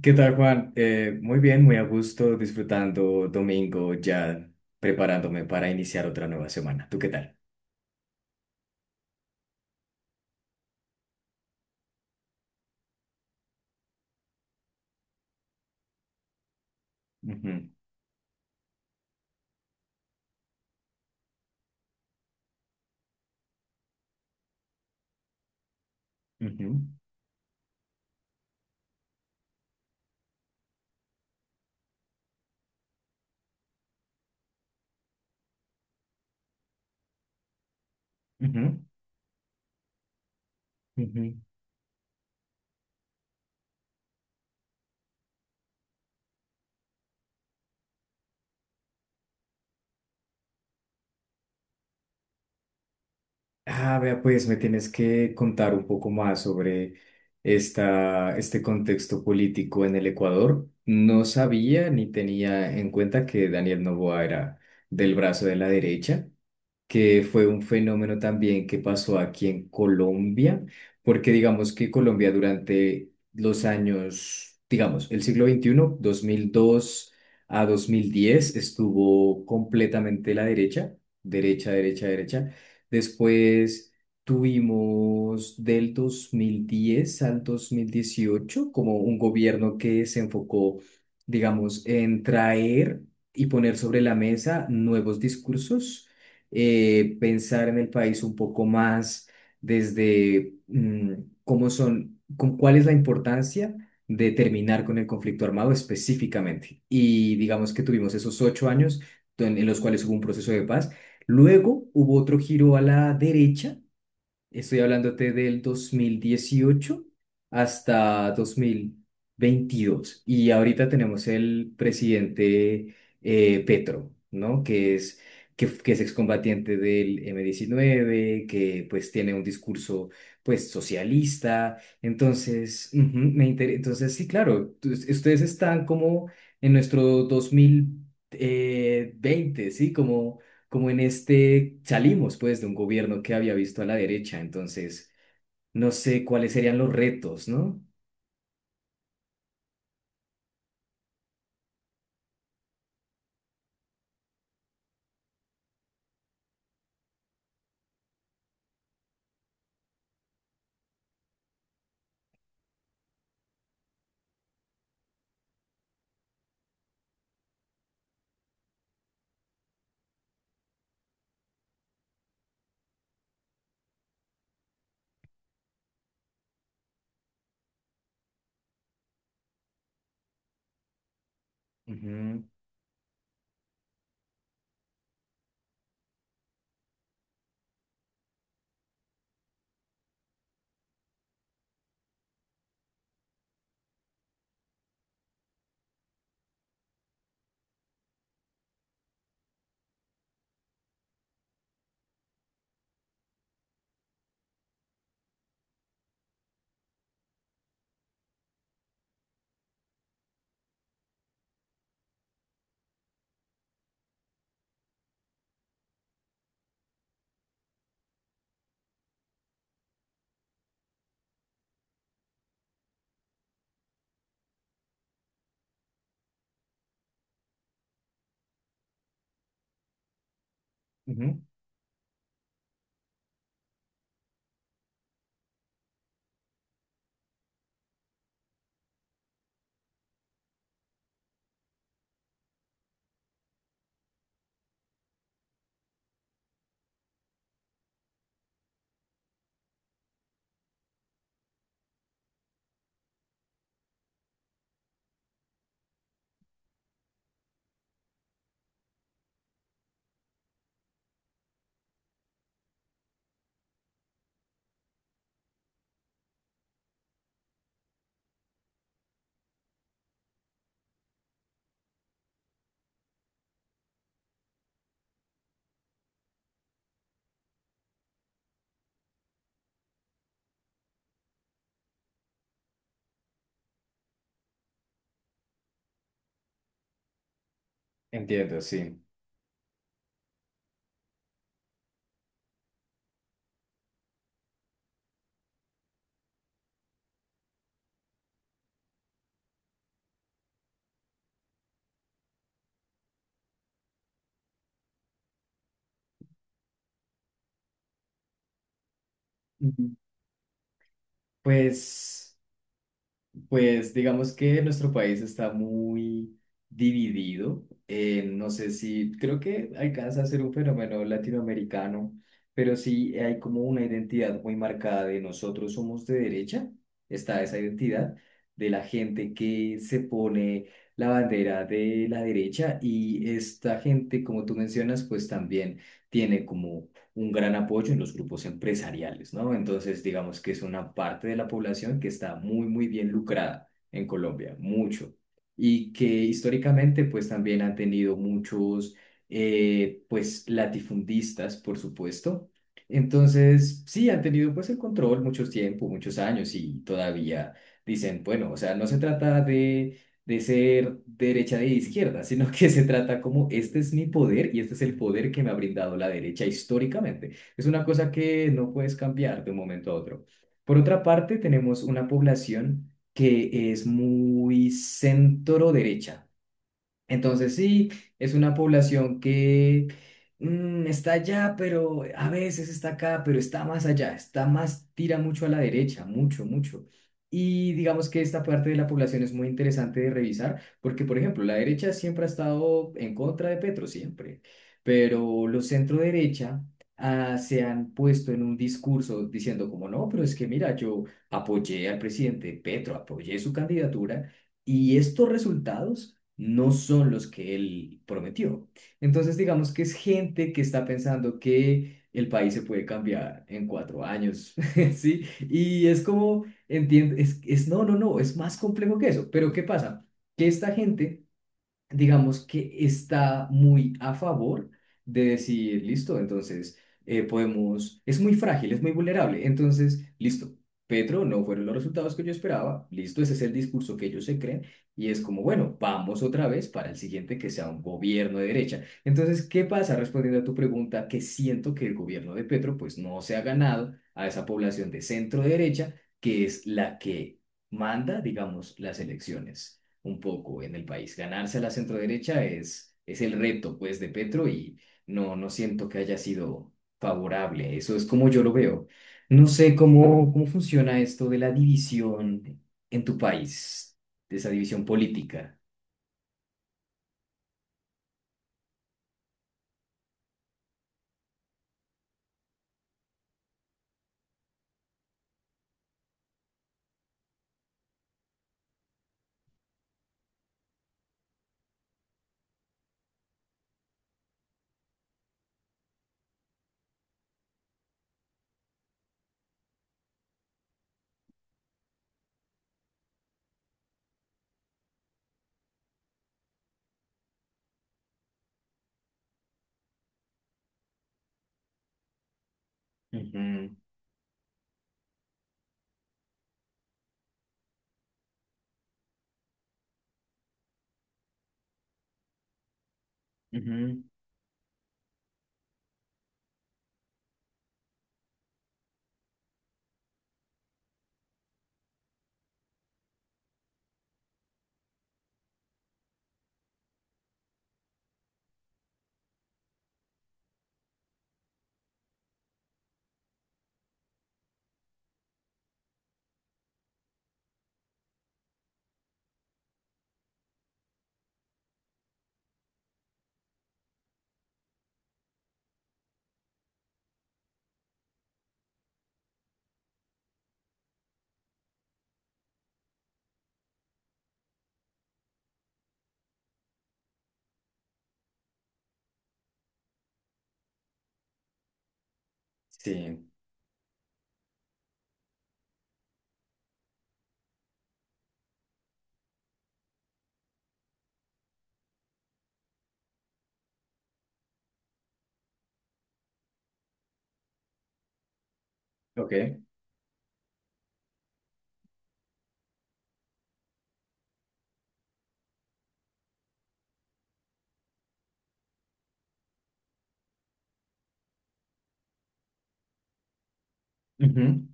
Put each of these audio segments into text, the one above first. ¿Qué tal, Juan? Muy bien, muy a gusto, disfrutando domingo, ya preparándome para iniciar otra nueva semana. ¿Tú qué tal? Ujú, ujú, ujú, ujú. Ah, vea, pues me tienes que contar un poco más sobre este contexto político en el Ecuador. No sabía ni tenía en cuenta que Daniel Noboa era del brazo de la derecha, que fue un fenómeno también que pasó aquí en Colombia, porque digamos que Colombia durante los años, digamos, el siglo XXI, 2002 a 2010 estuvo completamente la derecha, derecha, derecha, derecha. Después tuvimos del 2010 al 2018 como un gobierno que se enfocó, digamos, en traer y poner sobre la mesa nuevos discursos, pensar en el país un poco más desde con cuál es la importancia de terminar con el conflicto armado específicamente. Y digamos que tuvimos esos 8 años en los cuales hubo un proceso de paz. Luego hubo otro giro a la derecha. Estoy hablándote del 2018 hasta 2022. Y ahorita tenemos el presidente Petro, ¿no? Que es excombatiente del M-19, que pues tiene un discurso pues socialista. Entonces, ujú, Entonces, sí, claro, ustedes están como en nuestro dos mil veinte, ¿sí? Como en este, salimos pues de un gobierno que había visto a la derecha, entonces no sé cuáles serían los retos, ¿no? Ujú, ujú. Entiendo, sí. Ujú. Pues... Pues digamos que nuestro país está muy dividido. No sé si, creo que alcanza a ser un fenómeno latinoamericano, pero sí hay como una identidad muy marcada de nosotros somos de derecha. Está esa identidad de la gente que se pone la bandera de la derecha, y esta gente, como tú mencionas, pues también tiene como un gran apoyo en los grupos empresariales, ¿no? Entonces, digamos que es una parte de la población que está muy, muy bien lucrada en Colombia, mucho, y que históricamente, pues también han tenido muchos, pues, latifundistas, por supuesto. Entonces, sí, han tenido pues el control mucho tiempo, muchos años, y todavía dicen, bueno, o sea, no se trata de ser derecha de izquierda, sino que se trata como este es mi poder y este es el poder que me ha brindado la derecha históricamente. Es una cosa que no puedes cambiar de un momento a otro. Por otra parte, tenemos una población que es muy centro derecha. Entonces sí, es una población que está allá, pero a veces está acá, pero está más allá, está más, tira mucho a la derecha, mucho, mucho. Y digamos que esta parte de la población es muy interesante de revisar, porque por ejemplo, la derecha siempre ha estado en contra de Petro, siempre, pero los centro derecha, ah, se han puesto en un discurso diciendo como no, pero es que mira, yo apoyé al presidente Petro, apoyé su candidatura. Y estos resultados no son los que él prometió. Entonces, digamos que es gente que está pensando que el país se puede cambiar en 4 años, ¿sí? Y es como, entiende, es, no, no, no, es más complejo que eso. Pero ¿qué pasa? Que esta gente digamos que está muy a favor de decir, listo, entonces podemos, es muy frágil, es muy vulnerable, entonces, listo, Petro, no fueron los resultados que yo esperaba, listo, ese es el discurso que ellos se creen, y es como, bueno, vamos otra vez para el siguiente que sea un gobierno de derecha. Entonces, ¿qué pasa? Respondiendo a tu pregunta, que siento que el gobierno de Petro pues no se ha ganado a esa población de centro derecha, que es la que manda, digamos, las elecciones un poco en el país. Ganarse a la centroderecha es el reto, pues, de Petro, y no siento que haya sido favorable. Eso es como yo lo veo. No sé cómo funciona esto de la división en tu país, de esa división política. Ujú, ujú, sí, ok. Ujú,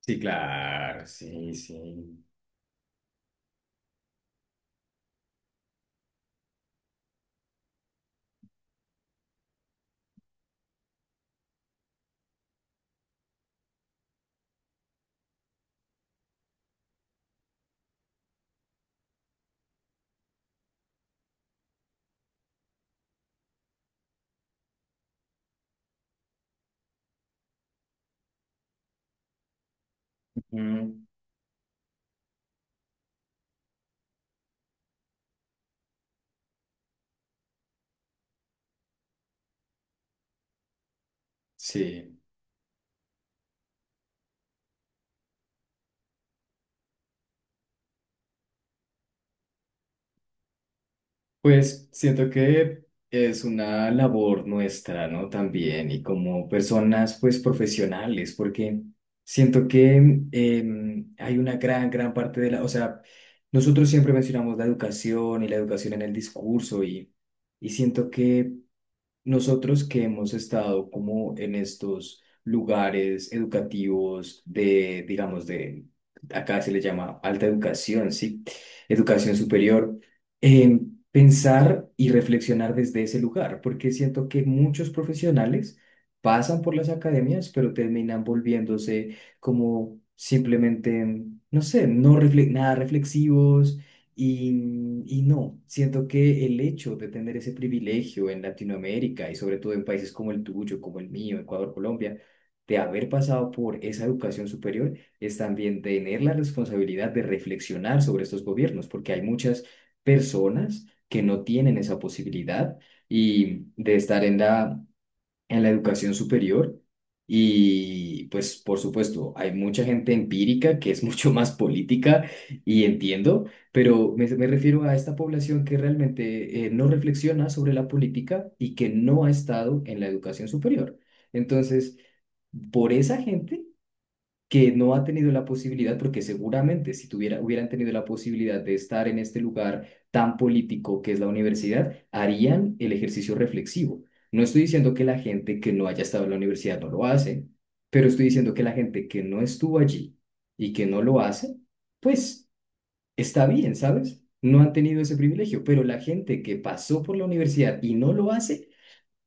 sí, claro, sí, sí. Ujú, sí. Pues siento que es una labor nuestra, ¿no? También, y como personas, pues profesionales, porque siento que hay una gran, gran parte de la, o sea, nosotros siempre mencionamos la educación y la educación en el discurso, y siento que nosotros que hemos estado como en estos lugares educativos de, digamos, de, acá se le llama alta educación, ¿sí? Educación superior, eh, pensar y reflexionar desde ese lugar, porque siento que muchos profesionales pasan por las academias, pero terminan volviéndose como simplemente, no sé, nada reflexivos, y no, siento que el hecho de tener ese privilegio en Latinoamérica, y sobre todo en países como el tuyo, como el mío, Ecuador, Colombia, de haber pasado por esa educación superior, es también tener la responsabilidad de reflexionar sobre estos gobiernos, porque hay muchas personas que no tienen esa posibilidad y de estar en la educación superior, y pues por supuesto hay mucha gente empírica que es mucho más política, y entiendo, pero me refiero a esta población que realmente no reflexiona sobre la política y que no ha estado en la educación superior. Entonces, por esa gente que no ha tenido la posibilidad, porque seguramente si tuviera, hubieran tenido la posibilidad de estar en este lugar tan político que es la universidad, harían el ejercicio reflexivo. No estoy diciendo que la gente que no haya estado en la universidad no lo hace, pero estoy diciendo que la gente que no estuvo allí y que no lo hace, pues está bien, ¿sabes? No han tenido ese privilegio, pero la gente que pasó por la universidad y no lo hace,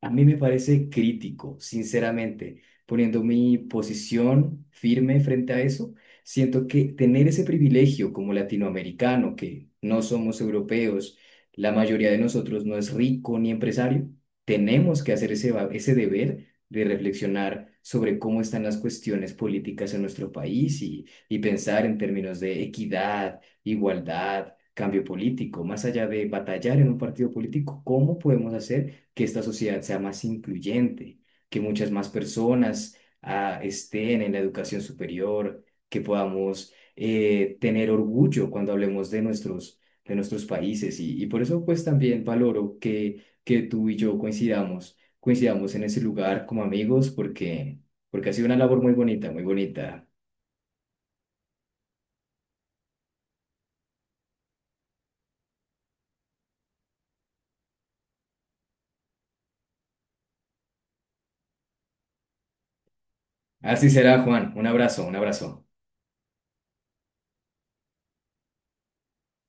a mí me parece crítico, sinceramente, poniendo mi posición firme frente a eso. Siento que tener ese privilegio como latinoamericano, que no somos europeos, la mayoría de nosotros no es rico ni empresario, tenemos que hacer ese deber de reflexionar sobre cómo están las cuestiones políticas en nuestro país, y pensar en términos de equidad, igualdad, cambio político, más allá de batallar en un partido político. ¿Cómo podemos hacer que esta sociedad sea más incluyente, que muchas más personas estén en la educación superior, que podamos tener orgullo cuando hablemos de nuestros países? Y por eso pues también valoro que tú y yo coincidamos, coincidamos en ese lugar como amigos, porque porque ha sido una labor muy bonita, muy bonita. Así será, Juan. Un abrazo, un abrazo.